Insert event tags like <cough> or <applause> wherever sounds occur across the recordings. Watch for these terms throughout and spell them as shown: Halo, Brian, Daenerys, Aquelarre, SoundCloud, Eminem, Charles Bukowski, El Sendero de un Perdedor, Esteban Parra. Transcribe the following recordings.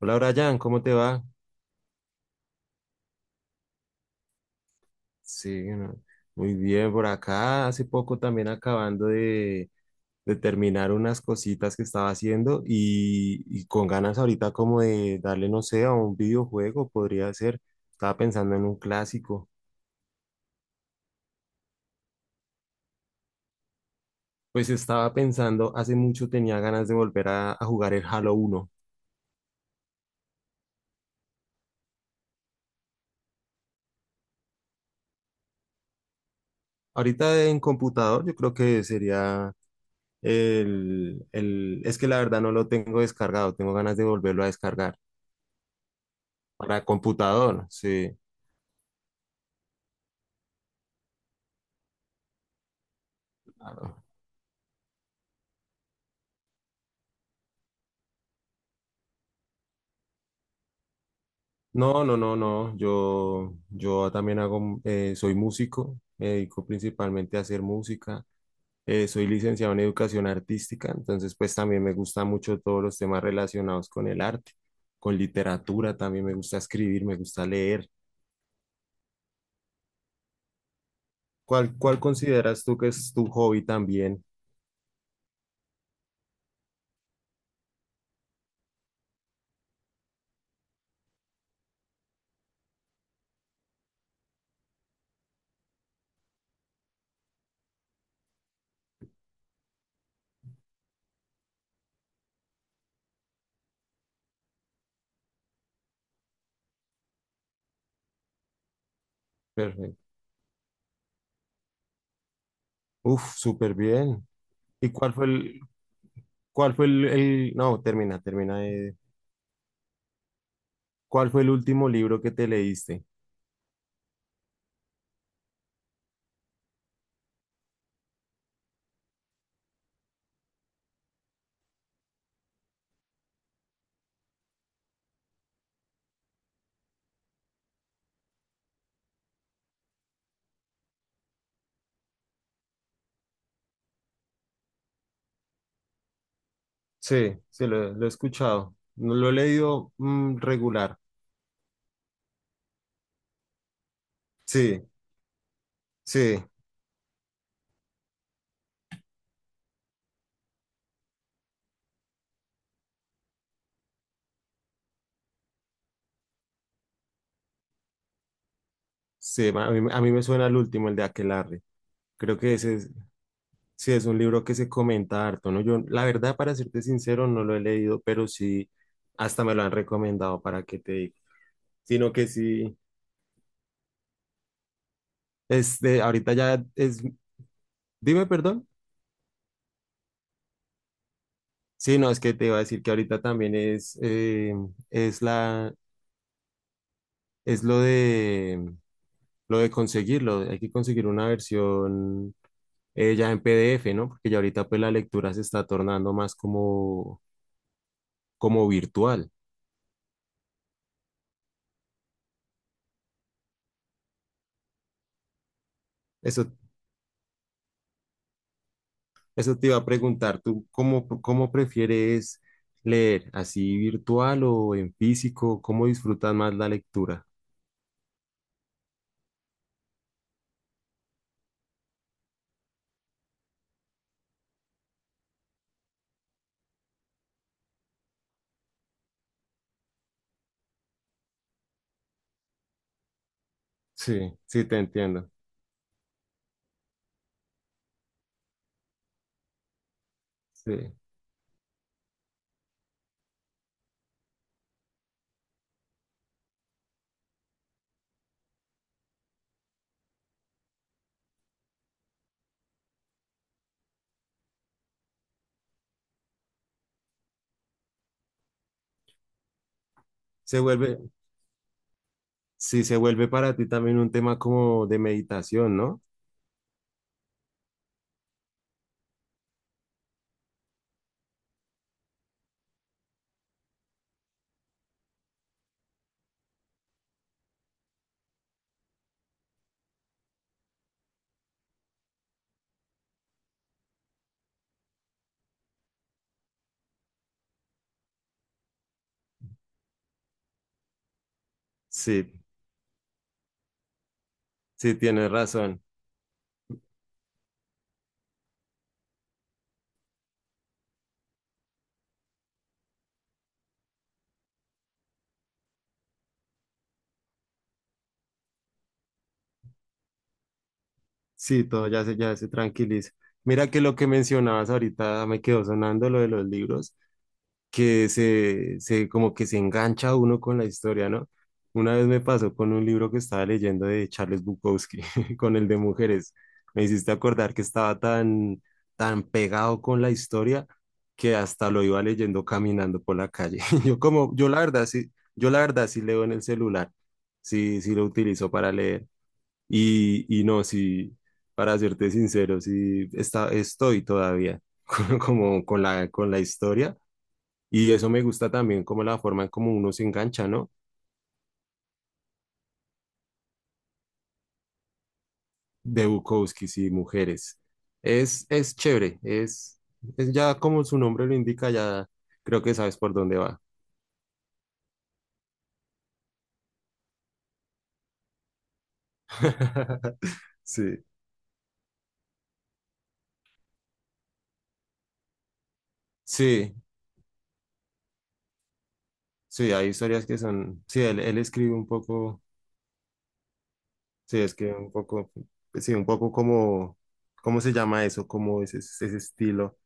Hola Brian, ¿cómo te va? Sí, no, muy bien por acá. Hace poco también acabando de terminar unas cositas que estaba haciendo y con ganas ahorita como de darle, no sé, a un videojuego, podría ser. Estaba pensando en un clásico. Pues estaba pensando, hace mucho tenía ganas de volver a jugar el Halo uno. Ahorita en computador yo creo que sería Es que la verdad no lo tengo descargado, tengo ganas de volverlo a descargar. Para computador, sí. Claro. No, no, no, no. Yo también hago, soy músico, me dedico principalmente a hacer música. Soy licenciado en educación artística, entonces pues también me gusta mucho todos los temas relacionados con el arte, con literatura, también me gusta escribir, me gusta leer. ¿Cuál consideras tú que es tu hobby también? Perfecto. Uf, súper bien. ¿Y cuál fue el- No, termina, termina. ¿Cuál fue el último libro que te leíste? Sí, sí, lo he escuchado. No lo he leído, regular. Sí, sí, sí. A mí me suena el último, el de Aquelarre. Creo que ese es, Sí es un libro que se comenta harto, ¿no? Yo, la verdad, para serte sincero, no lo he leído, pero sí, hasta me lo han recomendado para que te diga. Sino que sí, ahorita ya es. Dime, perdón. Sí, no, es que te iba a decir que ahorita también es la, es lo de conseguirlo. Hay que conseguir una versión, ya en PDF, ¿no? Porque ya ahorita pues la lectura se está tornando más como virtual. Eso, eso te iba a preguntar, ¿tú cómo prefieres leer? ¿Así virtual o en físico? ¿Cómo disfrutas más la lectura? Sí, sí, te entiendo. Sí. Se vuelve, sí, se vuelve para ti también un tema como de meditación, ¿no? Sí, sí, tienes razón. Sí, todo ya se tranquiliza. Mira que lo que mencionabas ahorita me quedó sonando lo de los libros, que se como que se engancha uno con la historia, ¿no? Una vez me pasó con un libro que estaba leyendo de Charles Bukowski, <laughs> con el de mujeres. Me hiciste acordar que estaba tan, tan pegado con la historia que hasta lo iba leyendo caminando por la calle. <laughs> Yo la verdad sí leo en el celular, sí, sí lo utilizo para leer. Y no, sí, para serte sincero, sí estoy todavía <laughs> como con la historia, y eso me gusta también como la forma en cómo uno se engancha, ¿no? De Bukowski y mujeres. Es chévere, es ya como su nombre lo indica, ya creo que sabes por dónde va. <laughs> Sí, sí, sí, hay historias que son, sí, él escribe un poco, sí, escribe un poco, sí, un poco como, ¿cómo se llama eso? Como ese estilo.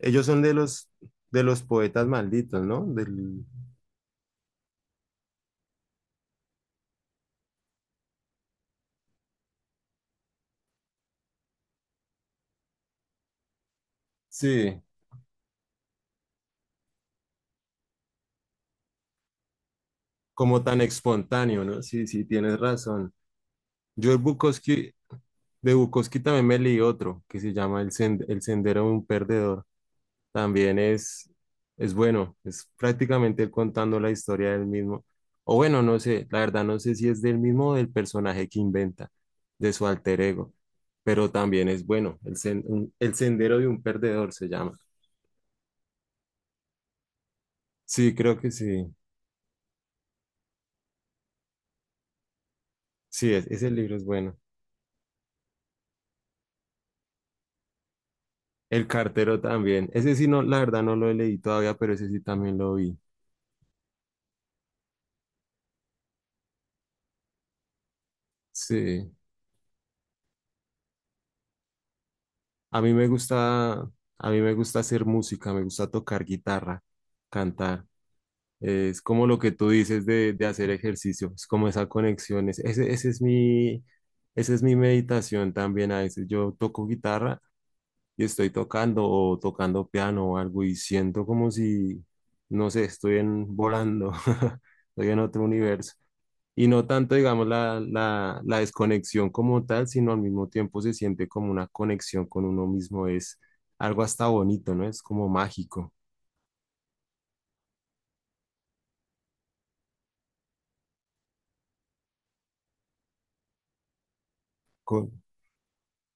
Ellos son de los poetas malditos, ¿no? Sí, como tan espontáneo, ¿no? Sí, sí, tienes razón. Yo el Bukowski, de Bukowski también me leí otro que se llama El Sendero de un Perdedor. También es bueno, es prácticamente él contando la historia del mismo. O bueno, no sé, la verdad no sé si es del mismo o del personaje que inventa, de su alter ego, pero también es bueno. El Sendero de un Perdedor se llama. Sí, creo que sí. Sí, ese libro es bueno. El cartero también. Ese sí, no, la verdad no lo leí todavía, pero ese sí también lo vi. Sí. A mí me gusta, a mí me gusta hacer música, me gusta tocar guitarra, cantar. Es como lo que tú dices de hacer ejercicio, es como esa conexión. Esa es mi meditación también. A veces yo toco guitarra y estoy tocando o tocando piano o algo y siento como si, no sé, estoy en, volando, <laughs> estoy en otro universo. Y no tanto, digamos, la desconexión como tal, sino al mismo tiempo se siente como una conexión con uno mismo. Es algo hasta bonito, ¿no? Es como mágico. Co-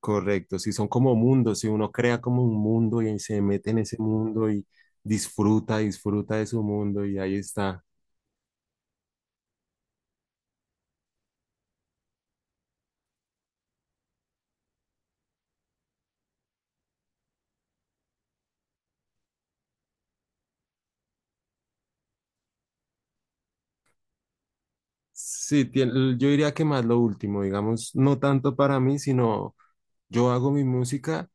Correcto. Si son como mundos, si uno crea como un mundo y se mete en ese mundo y disfruta de su mundo y ahí está. Sí, yo diría que más lo último, digamos, no tanto para mí, sino yo hago mi música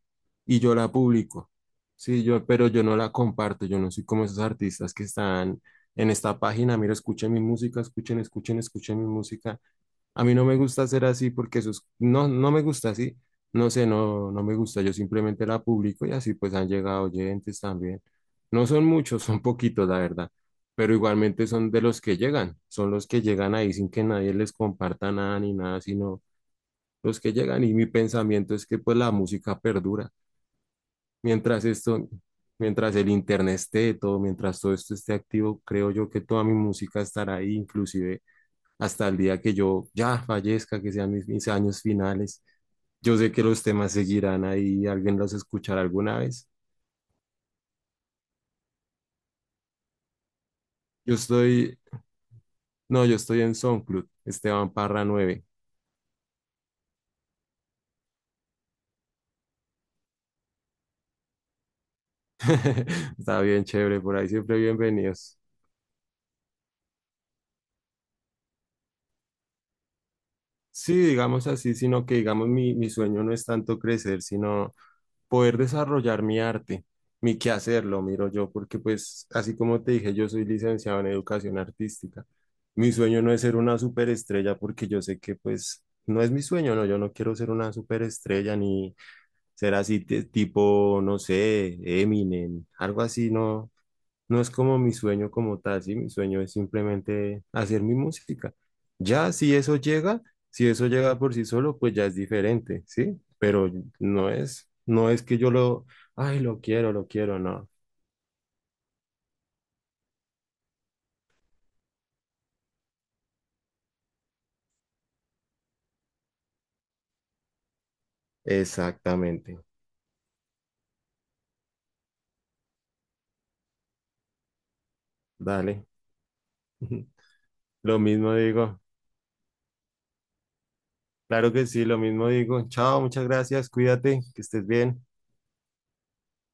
y yo la publico. Sí, pero yo no la comparto, yo no soy como esos artistas que están en esta página, mira, escuchen mi música, escuchen, escuchen, escuchen mi música. A mí no me gusta ser así porque no, no me gusta así, no sé, no, no me gusta, yo simplemente la publico y así pues han llegado oyentes también. No son muchos, <laughs> son poquitos, la verdad, pero igualmente son de los que llegan, son los que llegan ahí sin que nadie les comparta nada ni nada, sino los que llegan y mi pensamiento es que pues la música perdura. Mientras esto, Mientras el internet esté, todo, mientras todo esto esté activo, creo yo que toda mi música estará ahí, inclusive hasta el día que yo ya fallezca, que sean mis años finales. Yo sé que los temas seguirán ahí, alguien los escuchará alguna vez. Yo estoy, no, yo estoy en SoundCloud, Esteban Parra 9. <laughs> Está bien chévere, por ahí siempre bienvenidos. Sí, digamos así, sino que digamos mi sueño no es tanto crecer, sino poder desarrollar mi arte, mi quehacer, lo miro yo, porque pues así como te dije, yo soy licenciado en educación artística. Mi sueño no es ser una superestrella porque yo sé que pues no es mi sueño, no, yo no quiero ser una superestrella ni ser así tipo, no sé, Eminem, algo así, no, no es como mi sueño como tal, ¿sí? Mi sueño es simplemente hacer mi música. Ya, si eso llega por sí solo, pues ya es diferente, ¿sí? Pero no es que yo lo, ay, lo quiero, no. Exactamente. Dale. <laughs> Lo mismo digo. Claro que sí, lo mismo digo. Chao, muchas gracias, cuídate, que estés bien.